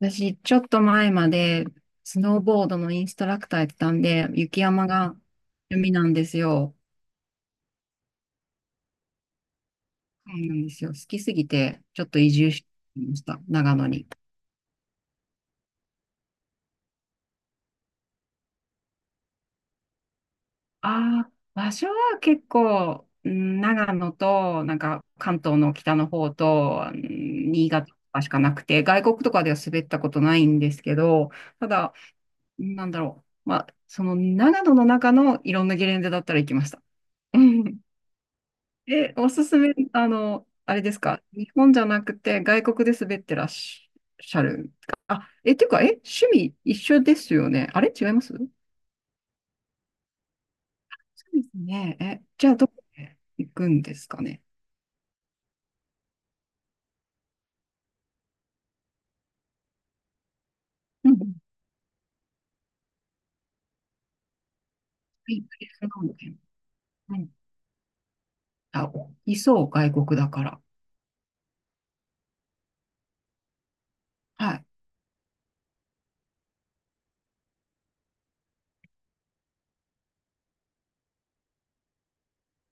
私、ちょっと前まで、スノーボードのインストラクターやってたんで、雪山が趣味なんですよ。そうなんですよ。好きすぎて、ちょっと移住してきました。長野に。ああ、場所は結構、うん長野と、なんか関東の北の方と、うん新潟とかしかなくて、外国とかでは滑ったことないんですけど、ただ、なんだろう。まあ、その長野の中のいろんなゲレンデだったら行きました。うんおすすめ、あの、あれですか、日本じゃなくて外国で滑ってらっしゃるんですか。あ、っていうか、趣味一緒ですよね。あれ違いますそうですね。じゃあ、どこへ行くんですかね。うんうん。はい、うんあ、いそう、外国だから。はい。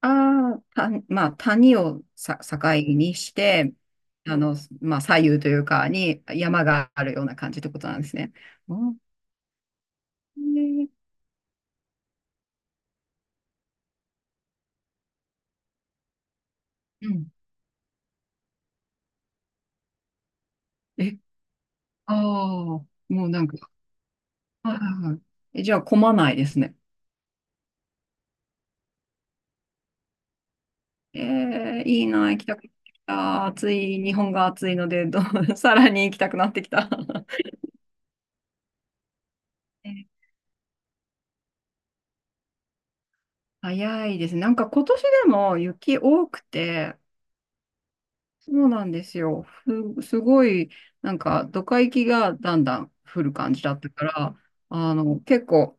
ああ、まあ、谷をさ、境にして、あの、まあ、左右というか、に山があるような感じってことなんですね。うん。ねうん。え、ああ、もうなんか、はいはいはい。じゃあ混まないですね。えー、いいな、行きたくなってきた。暑い、日本が暑いので、さらに行きたくなってきた。えー早いですね。なんか今年でも雪多くて、そうなんですよ。すごい、なんかドカ雪がだんだん降る感じだったから、あの、結構、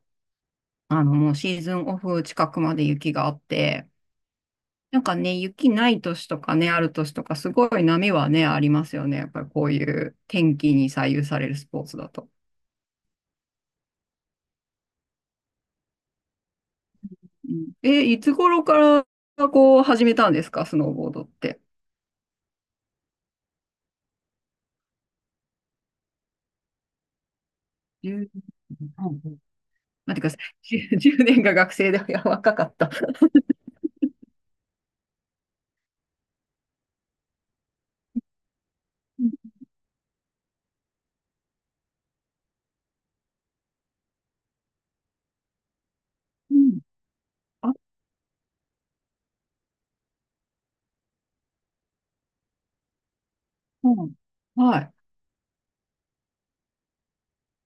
あの、もうシーズンオフ近くまで雪があって、なんかね、雪ない年とかね、ある年とか、すごい波はね、ありますよね。やっぱりこういう天気に左右されるスポーツだと。うんいつ頃からこう始めたんですか、スノーボードって。10、うんうん待ってください。10 年が学生でいや若かった。うんうんあ、うんはい。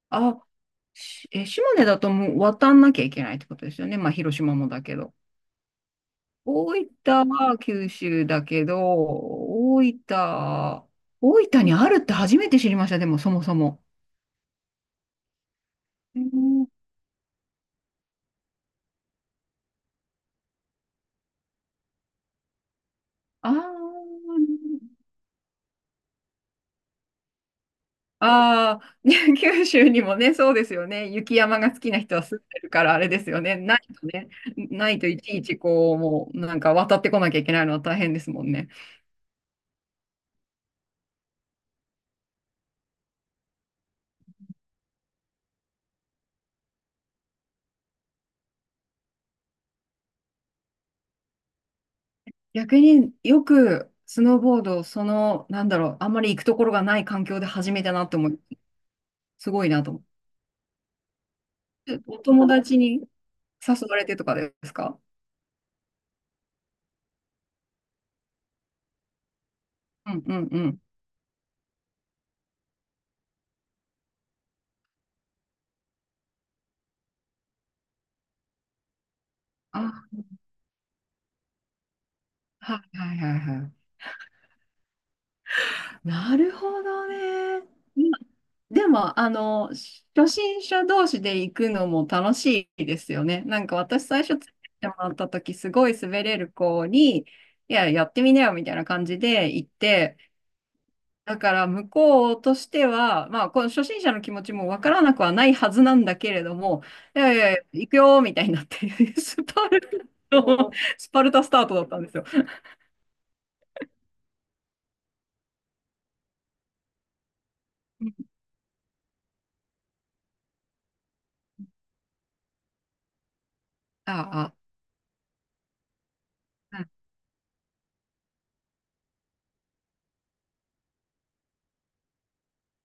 あ、島根だともう渡んなきゃいけないってことですよね。まあ、広島もだけど。大分は九州だけど、大分にあるって初めて知りました、でもそもそも。へーあーあー、ね 九州にもね、そうですよね。雪山が好きな人は住んでるから、あれですよね。ないとね、ないといちいちこう、もうなんか渡ってこなきゃいけないのは大変ですもんね。逆によくスノーボードその、なんだろう、あんまり行くところがない環境で初めてなって思う。すごいなと思う。お友達に誘われてとかですかうんうんうん。あ、はいはいはいはい。なるほどね。今でも、あの、初心者同士で行くのも楽しいですよね。なんか私最初ついてってもらった時、すごい滑れる子に、いや、やってみなよみたいな感じで行って、だから向こうとしては、まあ、この初心者の気持ちもわからなくはないはずなんだけれども、いやいやいや、行くよみたいになって、スパルタの、スパルタスタートだったんですよ。ああ、うん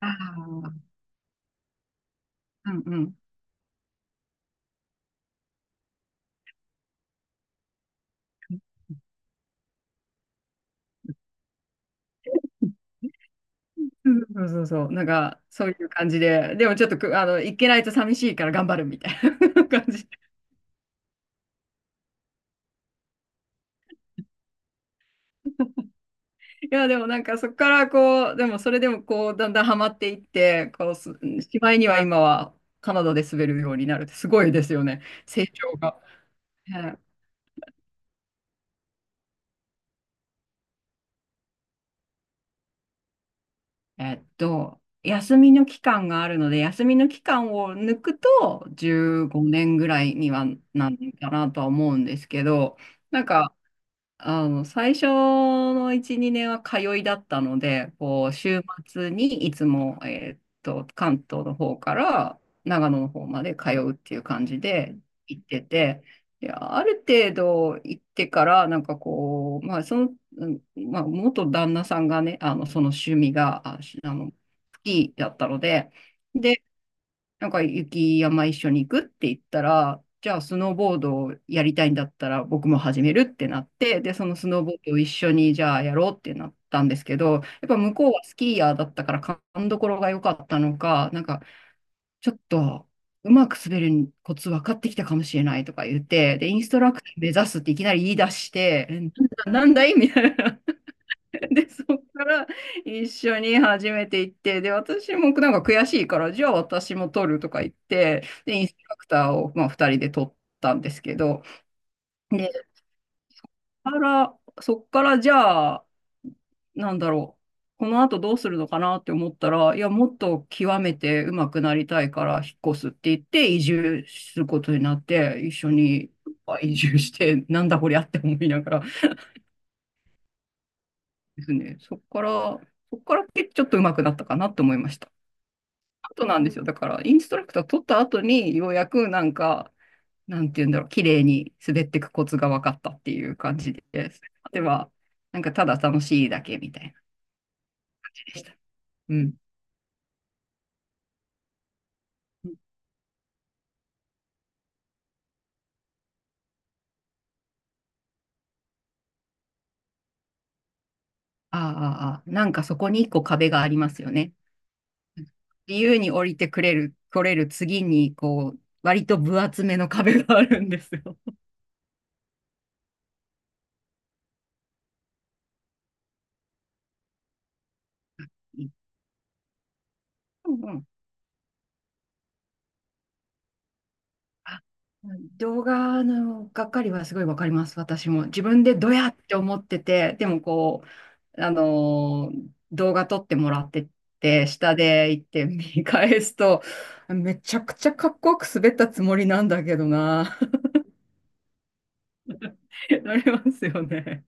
ああ、うんうん。そうそうそう、なんかそういう感じで、でもちょっとあの行けないと寂しいから頑張るみたいな 感じ。いや、でもなんかそこからこう、でもそれでもこう、だんだんハマっていって、こうす、しまいには今はカナダで滑るようになるって、すごいですよね、成長が。はい休みの期間があるので、休みの期間を抜くと15年ぐらいにはなんかなとは思うんですけど、なんか、あの、最初の1、2年は通いだったので、こう、週末にいつも、関東の方から長野の方まで通うっていう感じで行ってて、で、ある程度行ってから、なんかこう、まあ、その、うんまあ、元旦那さんがね、あの、その趣味が、あ、あの、スキーだったので、なんか雪山一緒に行くって言ったら、じゃあスノーボードをやりたいんだったら僕も始めるってなって、で、そのスノーボードを一緒にじゃあやろうってなったんですけど、やっぱ向こうはスキーヤーだったから勘どころが良かったのか、なんかちょっとうまく滑るコツ分かってきたかもしれないとか言って、で、インストラクター目指すっていきなり言い出して、なんだ、なんだいみたいな。で、そこから一緒に始めていって、で、私もなんか悔しいから、じゃあ私も撮るとか言って、で、インストラクターを、まあ、2人で撮ったんですけど、で、あら、そこからじゃあ、なんだろう、この後どうするのかなって思ったら、いや、もっと極めて上手くなりたいから引っ越すって言って、移住することになって、一緒に移住して、なんだこりゃって思いながらですね、そこからちょっと上手くなったかなって思いました。ことなんですよ。だから、インストラクター取った後に、ようやくなんか、なんていうんだろう、綺麗に滑っていくコツが分かったっていう感じです。では、なんかただ楽しいだけみたいなでした。うん。ああ、ああなんかそこに一個壁がありますよね。自由に降りてくれる、来れる次に、こう、割と分厚めの壁があるんですよ。うんうんあ動画のがっかりはすごいわかります、私も。自分でドヤって思ってて、でもこう、動画撮ってもらってて、下で行って見返すと、めちゃくちゃかっこよく滑ったつもりなんだけどな、なりますよね。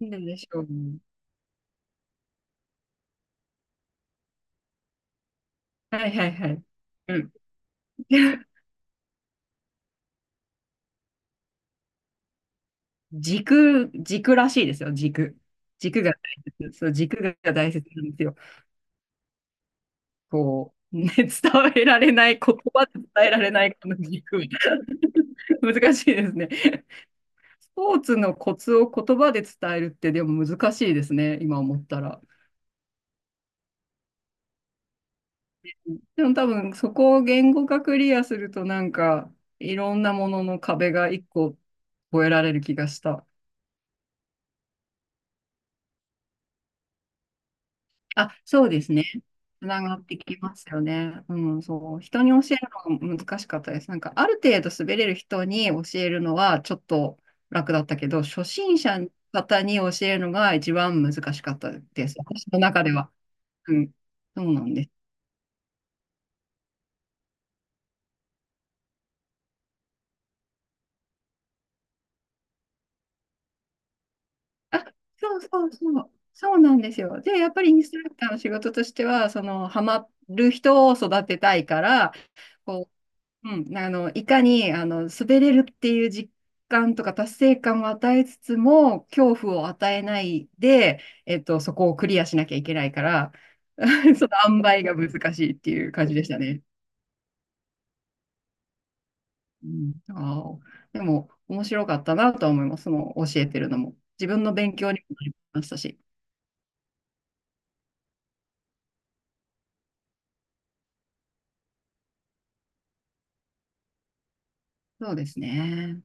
なんでしょうね。はいはいはい。うん。軸、軸らしいですよ、軸。軸が大切。そう、軸が大切なんですよ。こう、ね、伝えられない、言葉で伝えられないこの憎み。難しいですね。スポーツのコツを言葉で伝えるってでも難しいですね、今思ったら。でも多分そこを言語化クリアするとなんかいろんなものの壁が一個越えられる気がした。あ、そうですね。つながってきますよね。うん、そう。人に教えるのが難しかったです。なんか、ある程度滑れる人に教えるのはちょっと楽だったけど、初心者の方に教えるのが一番難しかったです。私の中では。うん。そうなんです。あ、そうそうそう。そうなんですよ。で、やっぱりインストラクターの仕事としては、その、ハマる人を育てたいから、こううん、あの、いかに、あの、滑れるっていう実感とか達成感を与えつつも、恐怖を与えないで、そこをクリアしなきゃいけないから、その塩梅が難しいっていう感じでしたね。うん、あーでも、面白かったなとは思います。その、教えてるのも。自分の勉強にもなりましたし。そうですね。